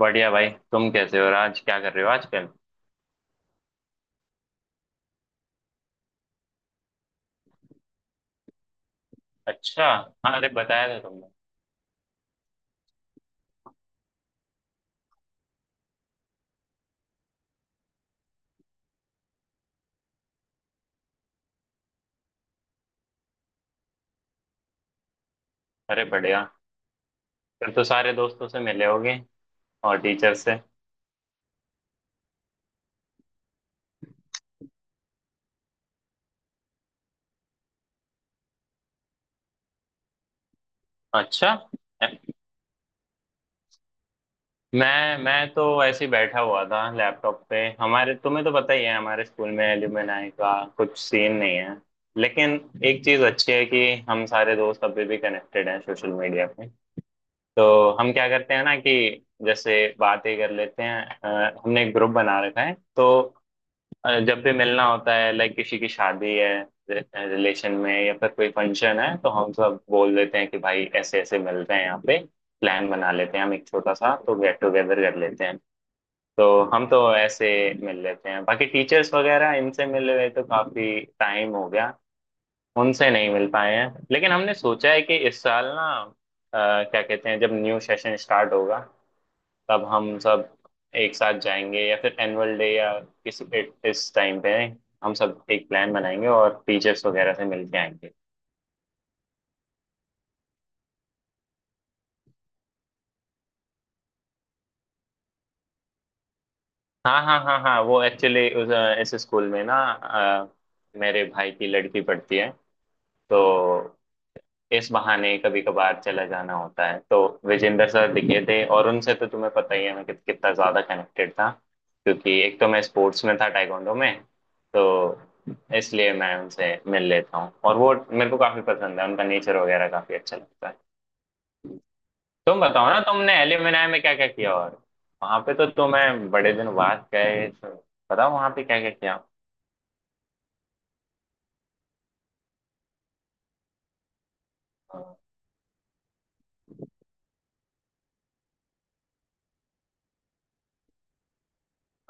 बढ़िया भाई, तुम कैसे हो और आज क्या कर रहे हो आजकल। अच्छा। हाँ, अरे बताया था तुमने। अरे बढ़िया, फिर तो सारे दोस्तों से मिले होगे और टीचर से। अच्छा। मैं तो ऐसे ही बैठा हुआ था लैपटॉप पे, हमारे तुम्हें तो पता ही है हमारे स्कूल में एल्यूमिनाई का कुछ सीन नहीं है। लेकिन एक चीज अच्छी है कि हम सारे दोस्त अभी भी कनेक्टेड हैं सोशल मीडिया पे। तो हम क्या करते हैं ना कि जैसे बातें कर लेते हैं। हमने एक ग्रुप बना रखा है, तो जब भी मिलना होता है लाइक किसी की शादी है, रिलेशन में या फिर कोई फंक्शन है, तो हम सब बोल देते हैं कि भाई ऐसे ऐसे मिलते हैं यहाँ पे, प्लान बना लेते हैं, हम एक छोटा सा तो गेट टुगेदर कर लेते हैं। तो हम तो ऐसे मिल लेते हैं। बाकी टीचर्स वगैरह इनसे मिले हुए तो काफी टाइम हो गया, उनसे नहीं मिल पाए हैं। लेकिन हमने सोचा है कि इस साल ना क्या कहते हैं, जब न्यू सेशन स्टार्ट होगा तब हम सब एक साथ जाएंगे, या फिर एनुअल डे या किसी इस टाइम पे हम सब एक प्लान बनाएंगे और टीचर्स वगैरह से मिल के आएंगे। हाँ हाँ हाँ हाँ, वो एक्चुअली उस इस स्कूल में ना मेरे भाई की लड़की पढ़ती है। तो इस बहाने कभी कभार चला जाना होता है, तो विजेंद्र सर दिखे थे, और उनसे तो तुम्हें पता ही है मैं कितना ज्यादा कनेक्टेड था, क्योंकि एक तो मैं स्पोर्ट्स में था, टाइकोंडो में। तो इसलिए मैं उनसे मिल लेता हूँ, और वो मेरे को काफी पसंद है, उनका नेचर वगैरह काफी अच्छा लगता है। तुम बताओ ना, तुमने एलिमनाई में क्या क्या किया, और वहां पे तो तुम्हें बड़े दिन बाद गए तो बताओ वहां पे क्या क्या किया।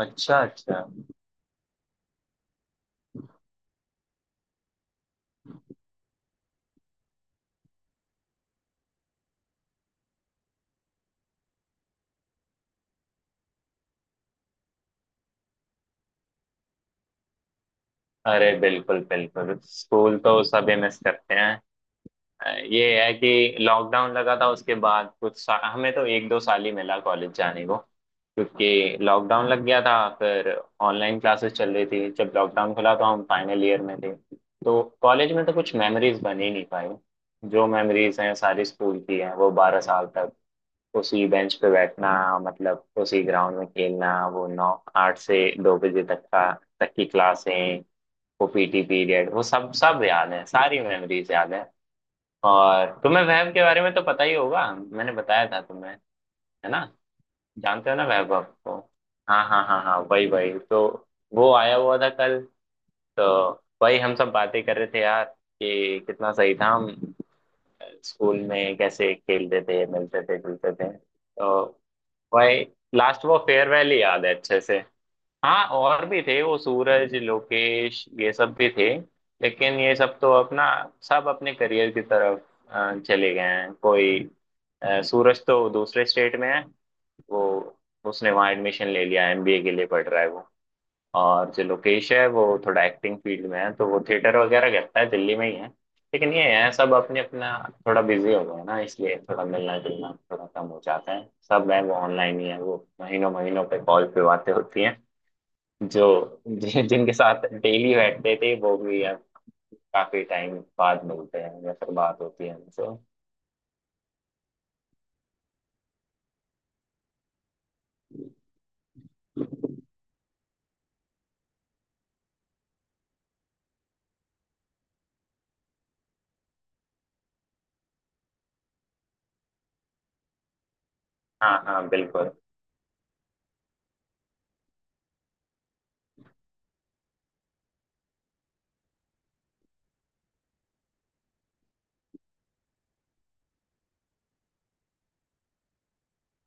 अच्छा अच्छा। अरे बिल्कुल बिल्कुल, स्कूल तो सभी मिस करते हैं। ये है कि लॉकडाउन लगा था, उसके बाद हमें तो एक दो साल ही मिला कॉलेज जाने को, क्योंकि लॉकडाउन लग गया था। फिर ऑनलाइन क्लासेस चल रही थी। जब लॉकडाउन खुला तो हम फाइनल ईयर में थे, तो कॉलेज में तो कुछ मेमोरीज बन ही नहीं पाई। जो मेमोरीज हैं सारी स्कूल की हैं, वो बारह साल तक उसी बेंच पे बैठना, मतलब उसी ग्राउंड में खेलना, वो नौ आठ से दो बजे तक का, तक की क्लासें, वो पीटी पीरियड, वो सब सब याद है, सारी मेमोरीज याद है। और तुम्हें वैभ के बारे में तो पता ही होगा, मैंने बताया था तुम्हें, है ना, जानते हो ना वैभ आपको। हाँ हाँ हाँ हाँ, वही वही तो। वो आया हुआ था कल। तो वही हम सब बातें कर रहे थे यार कि कितना सही था, हम स्कूल में कैसे खेलते थे, मिलते थे, जुलते थे। तो वही लास्ट वो फेयरवेल ही याद है अच्छे से। हाँ और भी थे, वो सूरज, लोकेश, ये सब भी थे, लेकिन ये सब तो अपना सब अपने करियर की तरफ चले गए हैं। कोई सूरज तो दूसरे स्टेट में है। वो, उसने वहाँ एडमिशन ले लिया, एमबीए के लिए पढ़ रहा है वो। और जो लोकेश है वो थोड़ा एक्टिंग फील्ड में है, तो वो थिएटर वगैरह करता है, दिल्ली में ही है। लेकिन ये है, सब अपने अपना थोड़ा बिजी हो गए हैं ना, इसलिए थोड़ा मिलना जुलना थोड़ा कम हो जाता है। सब है वो ऑनलाइन ही है, वो महीनों महीनों पे कॉल पे बातें होती हैं। जो जिनके साथ डेली बैठते थे वो भी अब काफी टाइम बाद मिलते हैं या फिर बात होती है उनसे। हाँ हाँ बिल्कुल।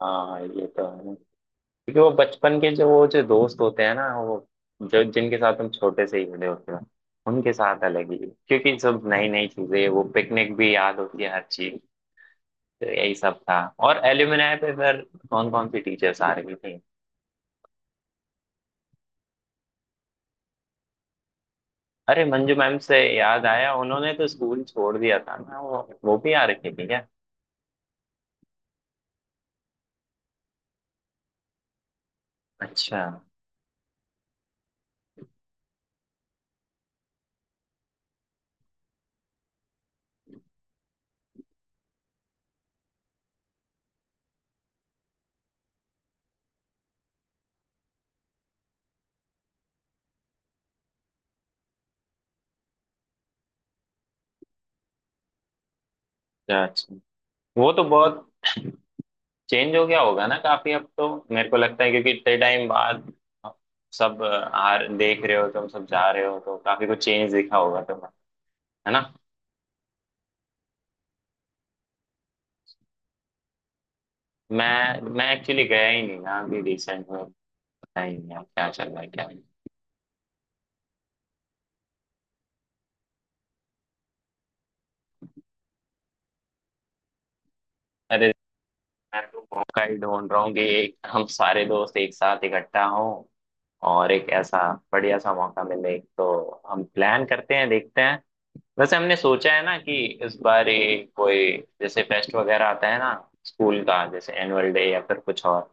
हाँ ये तो है, क्योंकि वो बचपन के जो वो जो दोस्त होते हैं ना, वो जो जिनके साथ हम छोटे से ही जुड़े होते हैं, उनके साथ अलग ही। क्योंकि सब नई नई चीजें, वो पिकनिक भी याद होती है, हर चीज। तो यही सब था। और एल्यूमिनाई पे फिर कौन कौन सी टीचर्स आ रही थी? अरे मंजू मैम से याद आया, उन्होंने तो स्कूल छोड़ दिया था ना, वो भी आ रखी थी क्या? अच्छा अच्छा। अच्छा वो तो बहुत चेंज हो गया होगा ना काफी, अब तो मेरे को लगता है, क्योंकि इतने टाइम बाद सब आ देख रहे हो, तुम सब जा रहे हो तो काफी कुछ चेंज दिखा होगा तुम्हें, है ना। मैं एक्चुअली गया ही नहीं ना अभी रिसेंट में। पता ही नहीं अब क्या चल रहा है क्या नहीं। अरे मैं तो मौका ही ढूंढ रहा हूँ कि एक हम सारे दोस्त एक साथ इकट्ठा हों, और एक ऐसा बढ़िया सा मौका मिले तो हम प्लान करते हैं, देखते हैं। वैसे हमने सोचा है ना कि इस बार ये कोई जैसे फेस्ट वगैरह आता है ना स्कूल का, जैसे एनुअल डे या फिर कुछ और,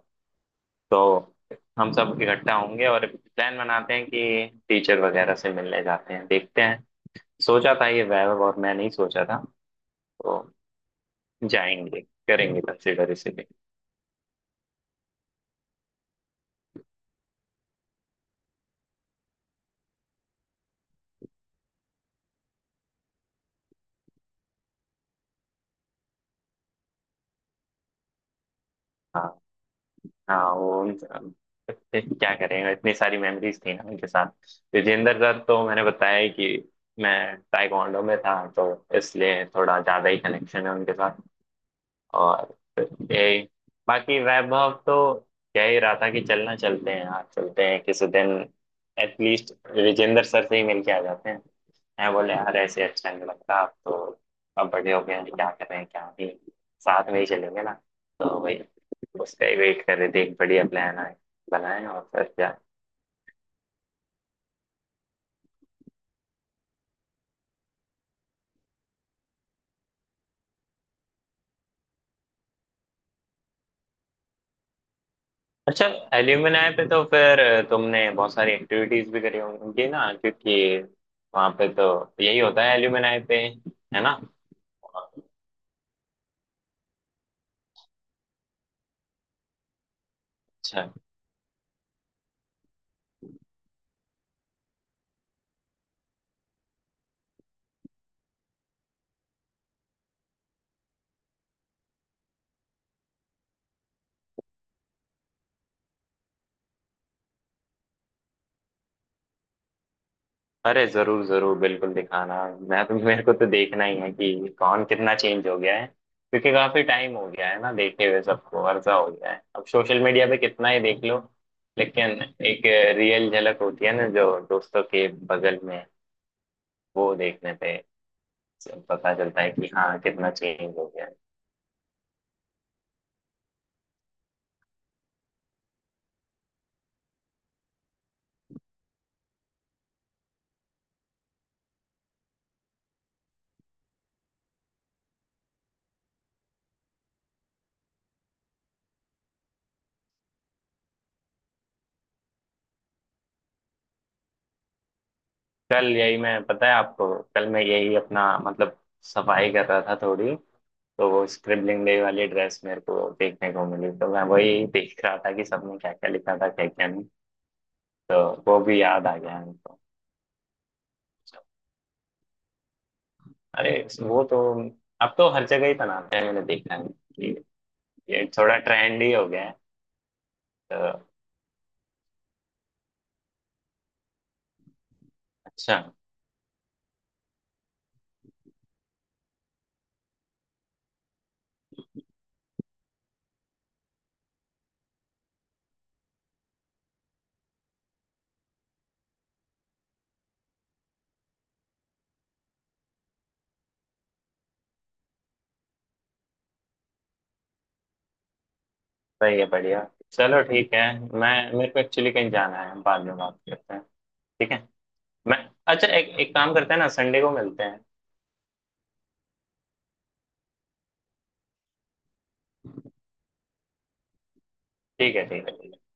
तो हम सब इकट्ठा होंगे और प्लान बनाते हैं कि टीचर वगैरह से मिलने जाते हैं, देखते हैं। सोचा था ये वैभव और मैं नहीं सोचा था, तो जाएंगे, करेंगे कंसिडर इसीलिए। हाँ हाँ, वो फिर क्या करेंगे, इतनी सारी मेमोरीज थी ना उनके साथ। विजेंद्र दत्त तो मैंने बताया ही कि मैं ताइक्वांडो में था, तो इसलिए थोड़ा ज्यादा ही कनेक्शन है उनके साथ। और यही, बाकी वैभव तो कह ही रहा था कि चलना चलते हैं यार, चलते हैं किसी दिन एटलीस्ट विजेंद्र सर से ही मिल के आ जाते हैं। मैं बोले यार ऐसे अच्छा नहीं लगता, आप तो अब बड़े हो गए हैं, क्या करें क्या नहीं, साथ में ही चलेंगे ना। तो भाई उसका ही वेट कर रहे थे, एक बढ़िया प्लान आए बनाए, और फिर क्या। अच्छा एल्यूमिनाई पे तो फिर तुमने बहुत सारी एक्टिविटीज भी करी होंगी ना, क्योंकि वहां पे तो यही होता है एल्यूमिनाई पे, है ना। अच्छा अरे जरूर जरूर, बिल्कुल दिखाना। मैं तो मेरे को तो देखना ही है कि कौन कितना चेंज हो गया है, क्योंकि काफी टाइम हो गया है ना देखे हुए, सबको अरसा हो गया है। अब सोशल मीडिया पे कितना ही देख लो, लेकिन एक रियल झलक होती है ना, जो दोस्तों के बगल में वो देखने पे पता चलता है कि हाँ कितना चेंज हो गया है। कल यही मैं, पता है आपको, कल मैं यही अपना मतलब सफाई कर रहा था थोड़ी, तो वो स्क्रिबलिंग डे वाली ड्रेस मेरे को देखने को मिली, तो मैं वही देख रहा था कि सबने क्या क्या लिखा था क्या क्या नहीं। तो वो भी याद आ गया हमको। अरे वो तो अब तो हर जगह ही बनाते हैं, मैंने देखा है कि ये थोड़ा ट्रेंड ही हो गया है तो। अच्छा सही है बढ़िया। चलो ठीक है, मैं, मेरे को एक्चुअली कहीं जाना है, बाद में बात करते हैं। ठीक है, मैं, अच्छा एक एक काम करते हैं ना, संडे को मिलते हैं। ठीक है ठीक है।